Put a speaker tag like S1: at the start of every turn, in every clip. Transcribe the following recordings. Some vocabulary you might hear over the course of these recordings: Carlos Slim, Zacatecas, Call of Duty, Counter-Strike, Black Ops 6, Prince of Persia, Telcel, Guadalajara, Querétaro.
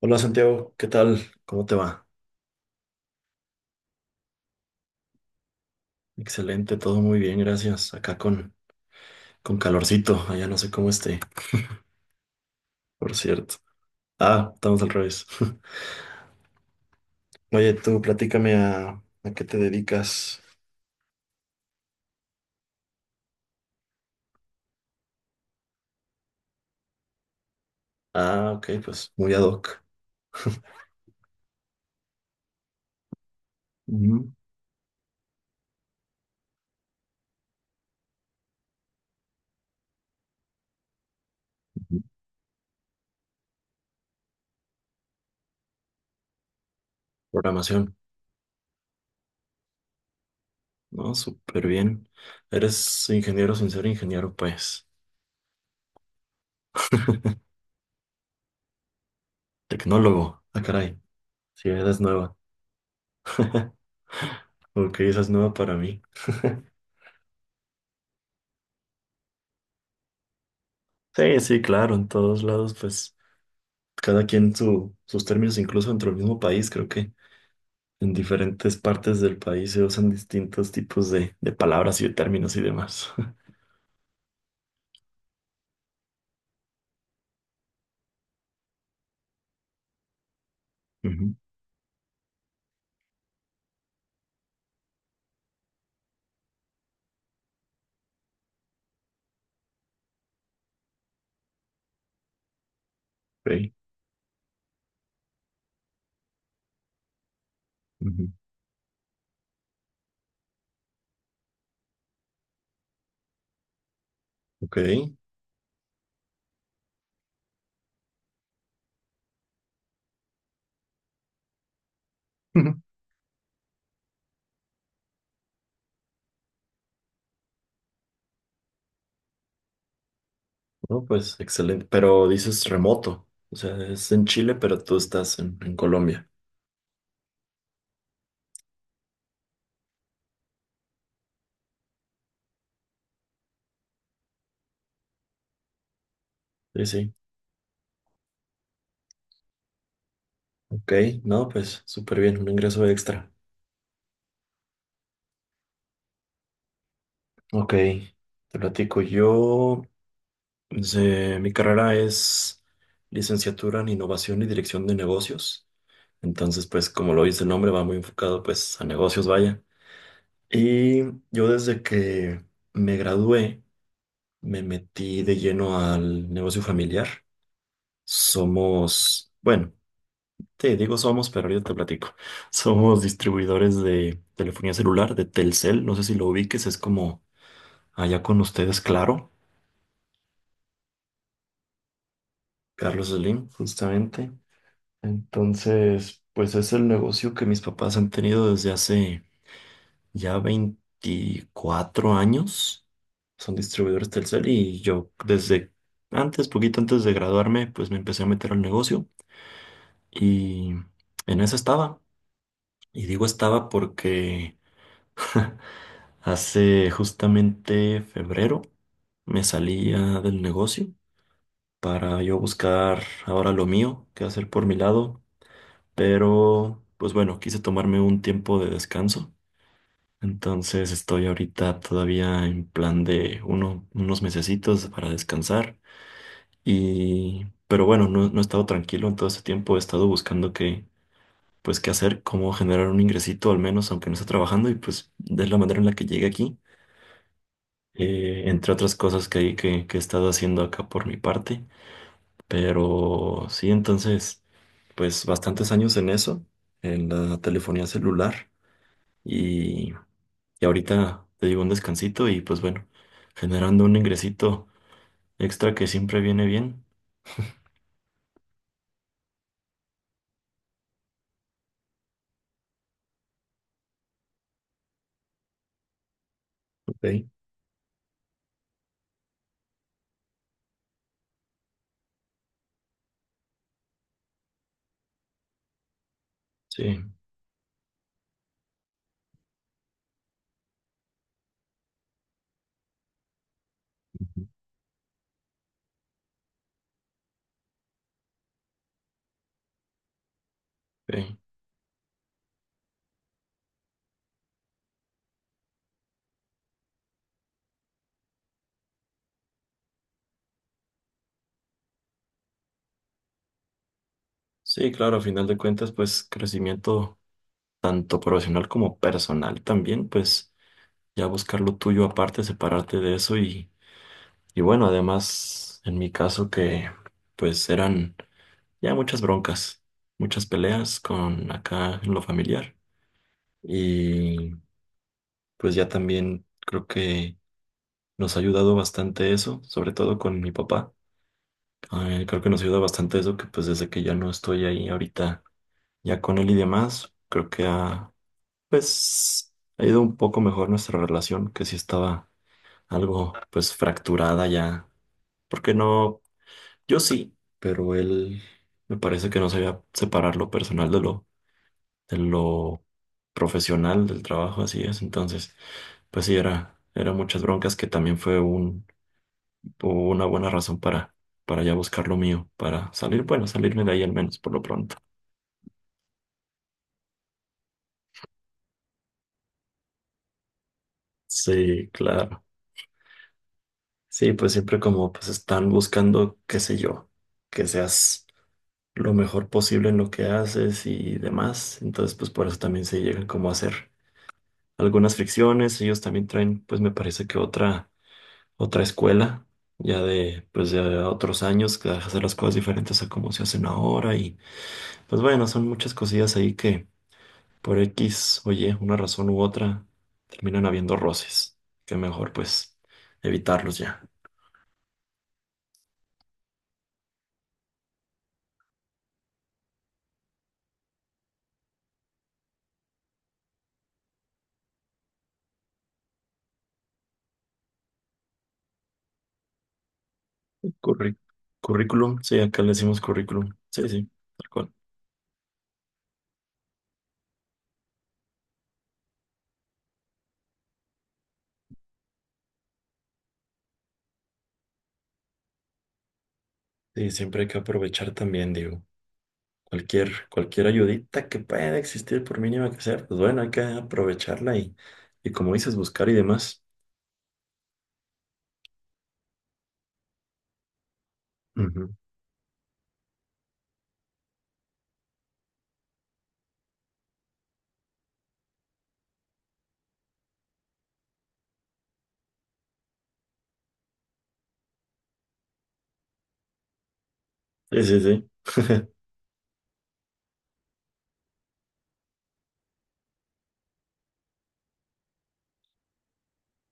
S1: Hola Santiago, ¿qué tal? ¿Cómo te va? Excelente, todo muy bien, gracias. Acá con calorcito, allá no sé cómo esté, por cierto. Ah, estamos al revés. Oye, tú platícame a qué te dedicas. Ah, ok, pues muy ad hoc. Ujú. Ujú. Programación, ¿no? Súper bien. Eres ingeniero sin ser ingeniero, pues. Tecnólogo, ah, caray. Sí, eres nueva. Ok, esa es nueva para mí. Sí, sí, claro, en todos lados, pues. Cada quien sus términos, incluso dentro del mismo país, creo que en diferentes partes del país se usan distintos tipos de palabras y de términos y demás. Ujú. Ok. Ujú. Ok. Ujú. No, pues excelente. Pero dices remoto. O sea, es en Chile, pero tú estás en Colombia. Sí, sí. Ok. No, pues súper bien. Un ingreso extra. Ok. Te platico. Yo, pues, mi carrera es licenciatura en innovación y dirección de negocios. Entonces, pues como lo dice el nombre, va muy enfocado pues a negocios, vaya. Y yo desde que me gradué, me metí de lleno al negocio familiar. Somos, bueno, te digo somos, pero ahorita te platico. Somos distribuidores de telefonía celular, de Telcel. No sé si lo ubiques, es como allá con ustedes, claro. Carlos Slim, justamente. Entonces, pues es el negocio que mis papás han tenido desde hace ya 24 años. Son distribuidores Telcel y yo desde antes, poquito antes de graduarme, pues me empecé a meter al negocio y en eso estaba. Y digo estaba porque hace justamente febrero me salía del negocio para yo buscar ahora lo mío, qué hacer por mi lado, pero pues bueno, quise tomarme un tiempo de descanso. Entonces estoy ahorita todavía en plan de unos mesecitos para descansar y pero bueno, no, no he estado tranquilo en todo este tiempo, he estado buscando qué, pues qué hacer, cómo generar un ingresito al menos aunque no esté trabajando y pues de la manera en la que llegué aquí, entre otras cosas que que he estado haciendo acá por mi parte, pero sí, entonces pues bastantes años en eso, en la telefonía celular. y Y ahorita te digo un descansito y pues bueno, generando un ingresito extra que siempre viene bien. Ok. Sí, sí. Sí, claro, a final de cuentas, pues crecimiento tanto profesional como personal también, pues ya buscar lo tuyo aparte, separarte de eso y bueno, además en mi caso que pues eran ya muchas broncas, muchas peleas con acá en lo familiar y pues ya también creo que nos ha ayudado bastante eso, sobre todo con mi papá. Creo que nos ayuda bastante eso, que pues desde que ya no estoy ahí ahorita, ya con él y demás, creo que ha, pues, ha ido un poco mejor nuestra relación, que sí estaba algo, pues, fracturada ya. Porque no, yo sí, pero él me parece que no sabía separar lo personal de de lo profesional, del trabajo, así es. Entonces, pues sí, era muchas broncas que también fue o una buena razón para ya buscar lo mío, para salir, bueno, salirme de ahí al menos por lo pronto. Sí, claro. Sí, pues siempre como pues están buscando, qué sé yo, que seas lo mejor posible en lo que haces y demás. Entonces, pues por eso también se llegan como a hacer algunas fricciones. Ellos también traen, pues me parece que otra escuela, ya de, pues de otros años, que hace las cosas diferentes a como se hacen ahora. Y pues bueno, son muchas cosillas ahí que por X, oye, una razón u otra, terminan habiendo roces. Que mejor, pues, evitarlos ya. Curri- currículum, sí, acá le decimos currículum. Sí, sí, tal cual. Sí, siempre hay que aprovechar también, digo. Cualquier, cualquier ayudita que pueda existir, por mínima que sea, pues bueno, hay que aprovecharla y como dices, buscar y demás. Ujú. Sí, sí, sí.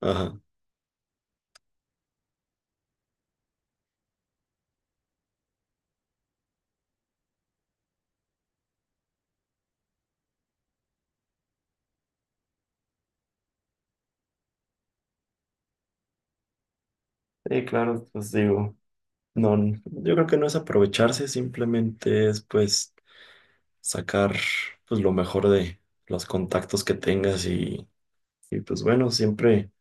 S1: Ajá. Sí, claro, pues digo, no, yo creo que no es aprovecharse, simplemente es pues, sacar pues lo mejor de los contactos que tengas y, pues bueno, siempre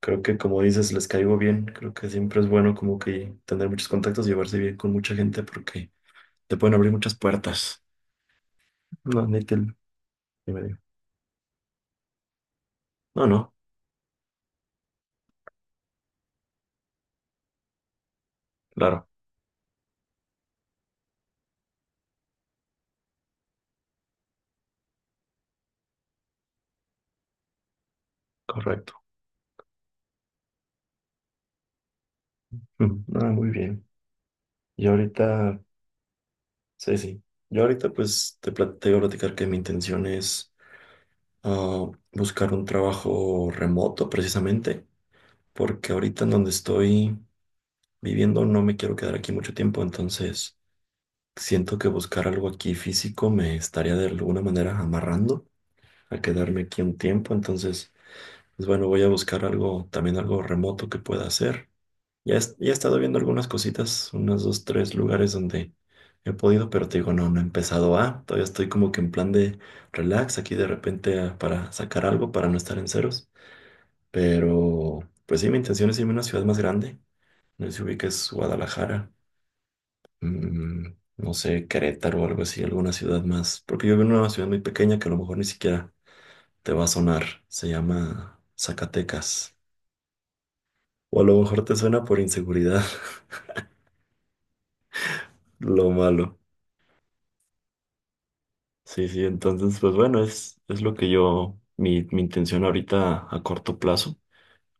S1: creo que como dices, les caigo bien, creo que siempre es bueno como que tener muchos contactos y llevarse bien con mucha gente porque te pueden abrir muchas puertas. No, ni me digo. No, no, claro, correcto. Mm, ah, muy bien. Y ahorita, sí, sí. Yo ahorita pues te planteo platicar que mi intención es, buscar un trabajo remoto precisamente, porque ahorita en donde estoy viviendo no me quiero quedar aquí mucho tiempo, entonces siento que buscar algo aquí físico me estaría de alguna manera amarrando a quedarme aquí un tiempo, entonces, pues bueno, voy a buscar algo, también algo remoto que pueda hacer. Ya, ya he estado viendo algunas cositas, unos dos, tres lugares donde he podido, pero te digo, no, no he empezado a, todavía estoy como que en plan de relax aquí de repente, para sacar algo, para no estar en ceros, pero pues sí, mi intención es irme a una ciudad más grande, no sé si ubiques Guadalajara. Mm, no sé, Querétaro o algo así, alguna ciudad más. Porque yo vivo en una ciudad muy pequeña que a lo mejor ni siquiera te va a sonar. Se llama Zacatecas. O a lo mejor te suena por inseguridad, lo malo. Sí, sí, entonces, pues bueno, es lo que yo, mi intención ahorita a corto plazo,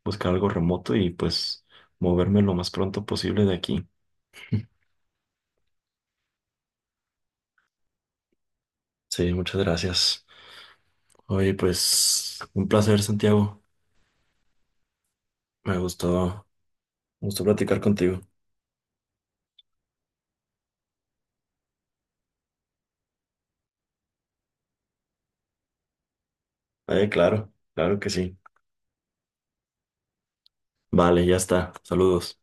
S1: buscar algo remoto y pues moverme lo más pronto posible de aquí. Sí, muchas gracias. Oye, pues un placer, Santiago. Me gustó, me gustó platicar contigo. Claro, claro que sí. Vale, ya está. Saludos.